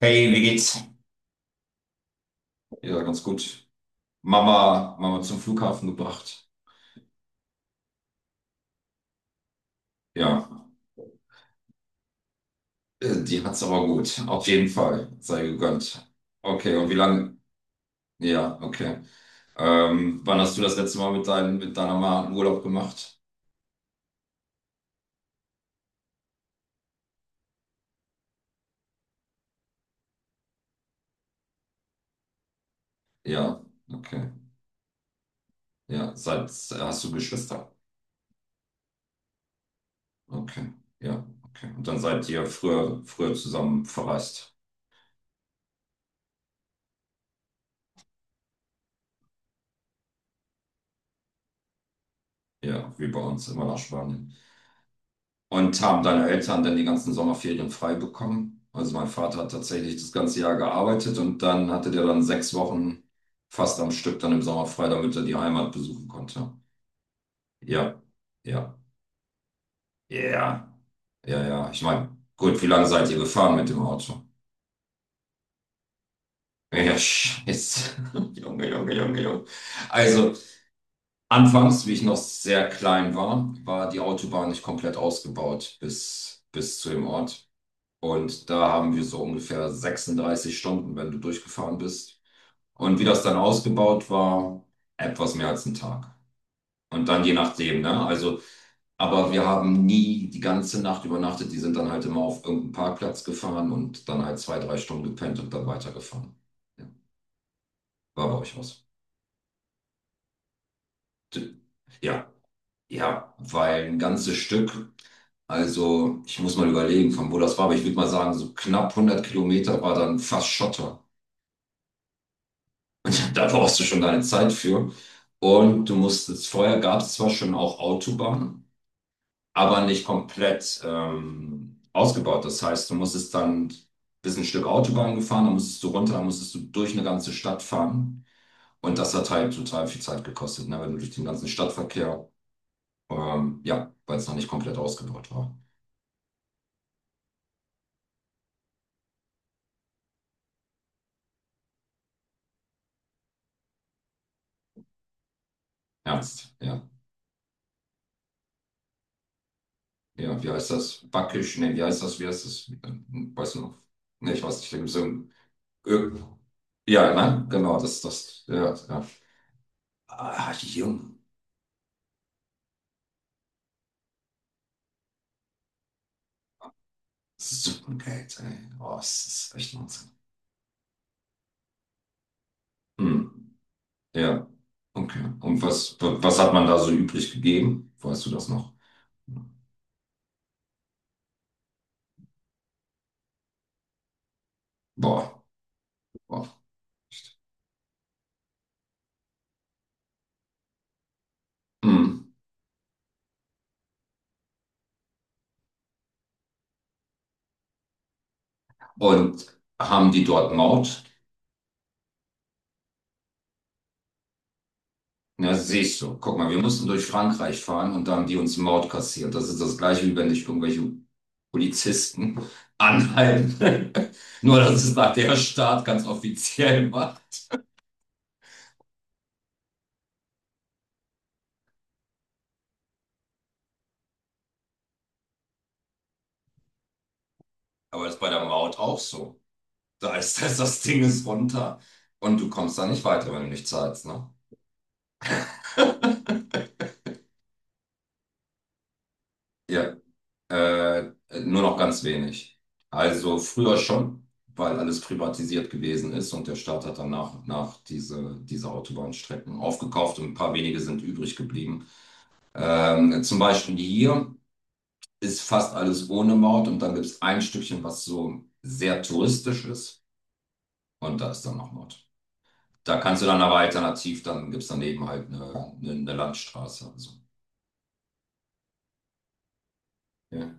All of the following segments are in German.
Hey, wie geht's? Ja, ganz gut. Mama, Mama zum Flughafen gebracht. Ja, die hat's aber gut. Auf jeden Fall. Sei gegönnt. Okay, und wie lange? Ja, okay. Wann hast du das letzte Mal mit deiner Mama einen Urlaub gemacht? Ja, okay. Ja, seit, hast du Geschwister? Okay, ja, okay. Und dann seid ihr früher, früher zusammen verreist. Ja, wie bei uns, immer nach Spanien. Und haben deine Eltern dann die ganzen Sommerferien frei bekommen? Also mein Vater hat tatsächlich das ganze Jahr gearbeitet und dann hatte der dann 6 Wochen fast am Stück dann im Sommer frei, damit er die Heimat besuchen konnte. Ja, ja, ja, ja, ja. Ich meine, gut, wie lange seid ihr gefahren mit dem Auto? Ja, ja, scheiße. Junge, Junge, Junge, Junge. Also, anfangs, wie ich noch sehr klein war, war die Autobahn nicht komplett ausgebaut bis zu dem Ort. Und da haben wir so ungefähr 36 Stunden, wenn du durchgefahren bist. Und wie das dann ausgebaut war, etwas mehr als ein Tag. Und dann je nachdem, ne? Also, aber wir haben nie die ganze Nacht übernachtet. Die sind dann halt immer auf irgendeinen Parkplatz gefahren und dann halt 2, 3 Stunden gepennt und dann weitergefahren. Ja. War bei euch was? D- Ja, ja, weil ein ganzes Stück, also ich muss mal überlegen, von wo das war, aber ich würde mal sagen, so knapp 100 Kilometer war dann fast Schotter. Da brauchst du schon keine Zeit für. Und du musstest, vorher gab es zwar schon auch Autobahnen, aber nicht komplett ausgebaut. Das heißt, du musstest dann bis ein Stück Autobahn gefahren, dann musstest du runter, dann musstest du durch eine ganze Stadt fahren. Und das hat halt total viel Zeit gekostet, ne? Wenn du durch den ganzen Stadtverkehr, ja, weil es noch nicht komplett ausgebaut war. Ernst, ja. Ja, wie heißt das? Backisch? Nee, wie heißt das? Wie heißt das? Weißt du noch? Nee, ich weiß nicht. Da gibt's irgendein- ja, ne? Genau, das, das, ja, ja. Ah, jung. Suppengeld, ey. Oh, das ist echt Wahnsinn. Hm. Ja, okay. Und was, was hat man da so übrig gegeben? Weißt du das noch? Boah, boah. Hm. Und haben die dort Maut? Na, siehst du. Guck mal, wir mussten durch Frankreich fahren und da haben die uns Maut kassiert. Das ist das Gleiche, wie wenn dich irgendwelche Polizisten anhalten. Nur, dass es nach der Staat ganz offiziell war. Aber das ist bei der Maut auch so. Da ist das, das Ding ist runter. Und du kommst da nicht weiter, wenn du nicht zahlst, ne? Ja, äh, nur noch ganz wenig. Also früher schon, weil alles privatisiert gewesen ist und der Staat hat dann nach und nach diese Autobahnstrecken aufgekauft und ein paar wenige sind übrig geblieben. Zum Beispiel hier ist fast alles ohne Maut und dann gibt es ein Stückchen, was so sehr touristisch ist und da ist dann noch Maut. Da kannst du dann aber alternativ, dann gibt es daneben halt eine Landstraße. Also, ja.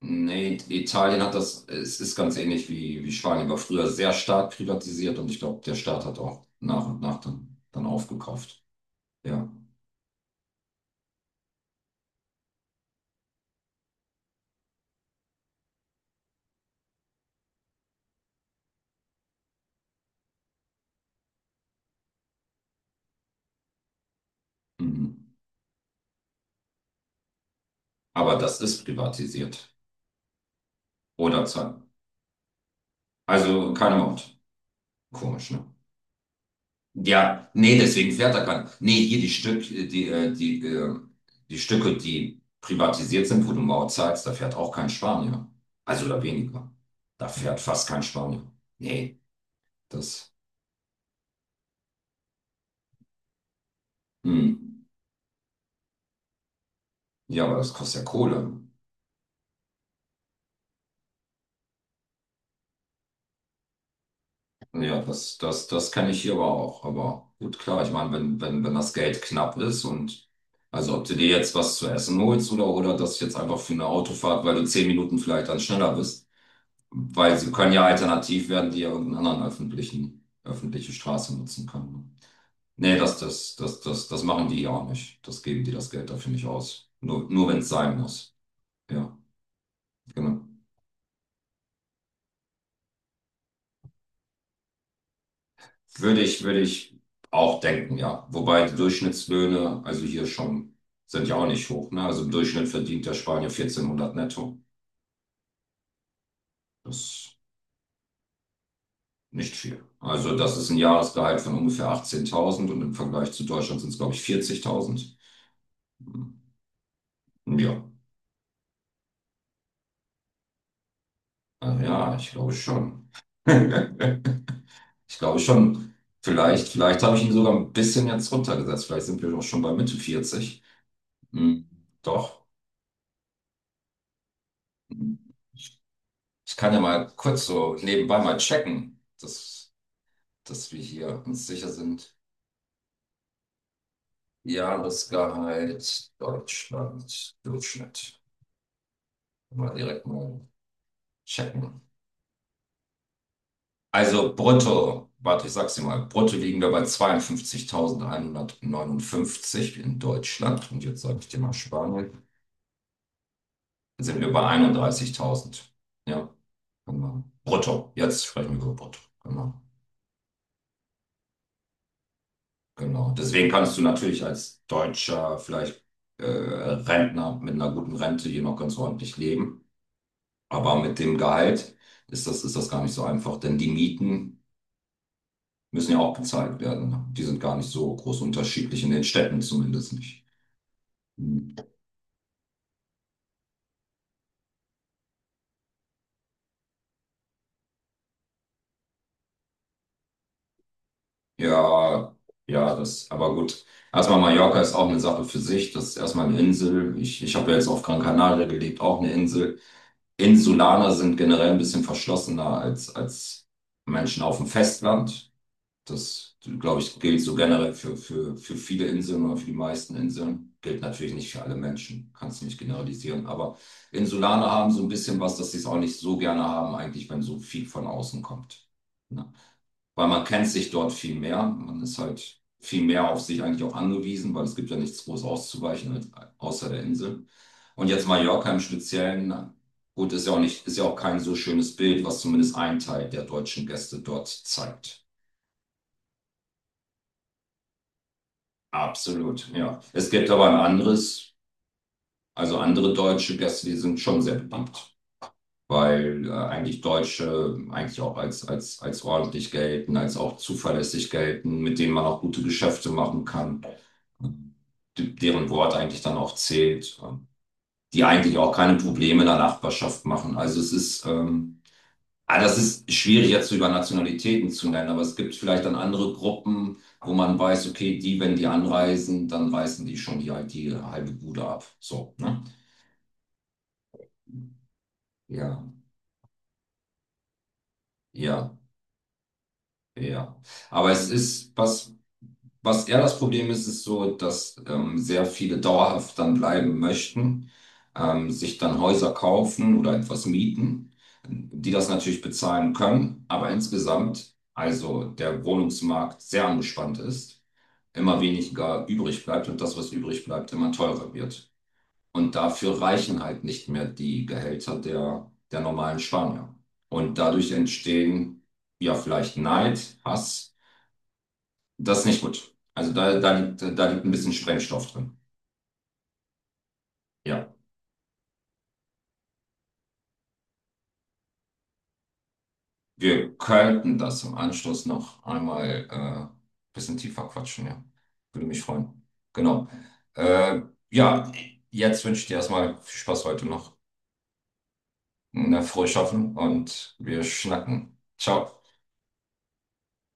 Nee, Italien hat das, es ist ganz ähnlich wie, wie Spanien, war früher sehr stark privatisiert und ich glaube, der Staat hat auch nach und nach dann, dann aufgekauft. Ja. Mhm. Aber das ist privatisiert. Oder zwar. Also kein Mord. Komisch, ne? Ja, nee, deswegen fährt er kein. Nee, hier die Stück, die Stücke, die privatisiert sind, wo du Maut zahlst, da fährt auch kein Spanier. Also oder weniger. Da fährt fast kein Spanier. Nee, das. Hm. Ja, aber das kostet ja Kohle. Ja, das kann ich hier aber auch. Aber gut, klar, ich meine, wenn das Geld knapp ist und also ob du dir jetzt was zu essen holst oder das jetzt einfach für eine Autofahrt, weil du 10 Minuten vielleicht dann schneller bist. Weil sie können ja alternativ werden, die ja irgendeinen anderen öffentlichen, öffentliche Straße nutzen können. Nee, das machen die ja auch nicht. Das geben die das Geld dafür nicht aus. Nur wenn es sein muss. Ja, genau. Würde ich auch denken, ja. Wobei die Durchschnittslöhne, also hier schon, sind ja auch nicht hoch, ne? Also im Durchschnitt verdient der Spanier 1.400 netto. Das ist nicht viel. Also das ist ein Jahresgehalt von ungefähr 18.000 und im Vergleich zu Deutschland sind es, glaube ich, 40.000. Ja. Ja, ich glaube schon. Ich glaube schon. Vielleicht habe ich ihn sogar ein bisschen jetzt runtergesetzt. Vielleicht sind wir doch schon bei Mitte 40. Hm, doch. Ich kann ja mal kurz so nebenbei mal checken, dass wir hier uns sicher sind. Jahresgehalt Deutschland, Durchschnitt. Mal direkt mal checken. Also brutto, warte, ich sag's dir mal, brutto liegen wir bei 52.159 in Deutschland. Und jetzt sage ich dir mal Spanien, dann sind wir bei 31.000. Ja, genau. Brutto, jetzt sprechen wir über brutto. Genau, genau. Deswegen kannst du natürlich als Deutscher vielleicht Rentner mit einer guten Rente hier noch ganz ordentlich leben. Aber mit dem Gehalt ist das gar nicht so einfach, denn die Mieten müssen ja auch bezahlt werden, ne? Die sind gar nicht so groß unterschiedlich, in den Städten zumindest nicht. Hm. Ja, ja, das, aber gut. Erstmal Mallorca ist auch eine Sache für sich. Das ist erstmal eine Insel. Ich habe ja jetzt auf Gran Canaria gelebt, auch eine Insel. Insulaner sind generell ein bisschen verschlossener als, als Menschen auf dem Festland. Das, glaube ich, gilt so generell für viele Inseln oder für die meisten Inseln. Gilt natürlich nicht für alle Menschen, kannst du nicht generalisieren. Aber Insulaner haben so ein bisschen was, dass sie es auch nicht so gerne haben, eigentlich, wenn so viel von außen kommt. Ne? Weil man kennt sich dort viel mehr. Man ist halt viel mehr auf sich eigentlich auch angewiesen, weil es gibt ja nichts groß auszuweichen außer der Insel. Und jetzt Mallorca im Speziellen. Gut, ist ja auch kein so schönes Bild, was zumindest ein Teil der deutschen Gäste dort zeigt. Absolut, ja. Es gibt aber ein anderes, also andere deutsche Gäste, die sind schon sehr bekannt, weil eigentlich Deutsche eigentlich auch als, als ordentlich gelten, als auch zuverlässig gelten, mit denen man auch gute Geschäfte machen kann, deren Wort eigentlich dann auch zählt, die eigentlich auch keine Probleme in der Nachbarschaft machen. Also es ist, Ah, das ist schwierig jetzt über Nationalitäten zu nennen, aber es gibt vielleicht dann andere Gruppen, wo man weiß, okay, die, wenn die anreisen, dann reißen die schon die halbe Bude ab. So, ne? Ja, ja, ja. Aber es ist, was eher das Problem ist, ist so, dass sehr viele dauerhaft dann bleiben möchten, sich dann Häuser kaufen oder etwas mieten, die das natürlich bezahlen können, aber insgesamt, also der Wohnungsmarkt sehr angespannt ist, immer weniger übrig bleibt und das, was übrig bleibt, immer teurer wird. Und dafür reichen halt nicht mehr die Gehälter der normalen Spanier. Und dadurch entstehen ja vielleicht Neid, Hass. Das ist nicht gut. Also da liegt ein bisschen Sprengstoff drin. Ja, wir könnten das im Anschluss noch einmal ein bisschen tiefer quatschen, ja. Würde mich freuen. Genau. Äh, ja, jetzt wünsche ich dir erstmal viel Spaß heute noch. Na, frohes Schaffen und wir schnacken. Ciao.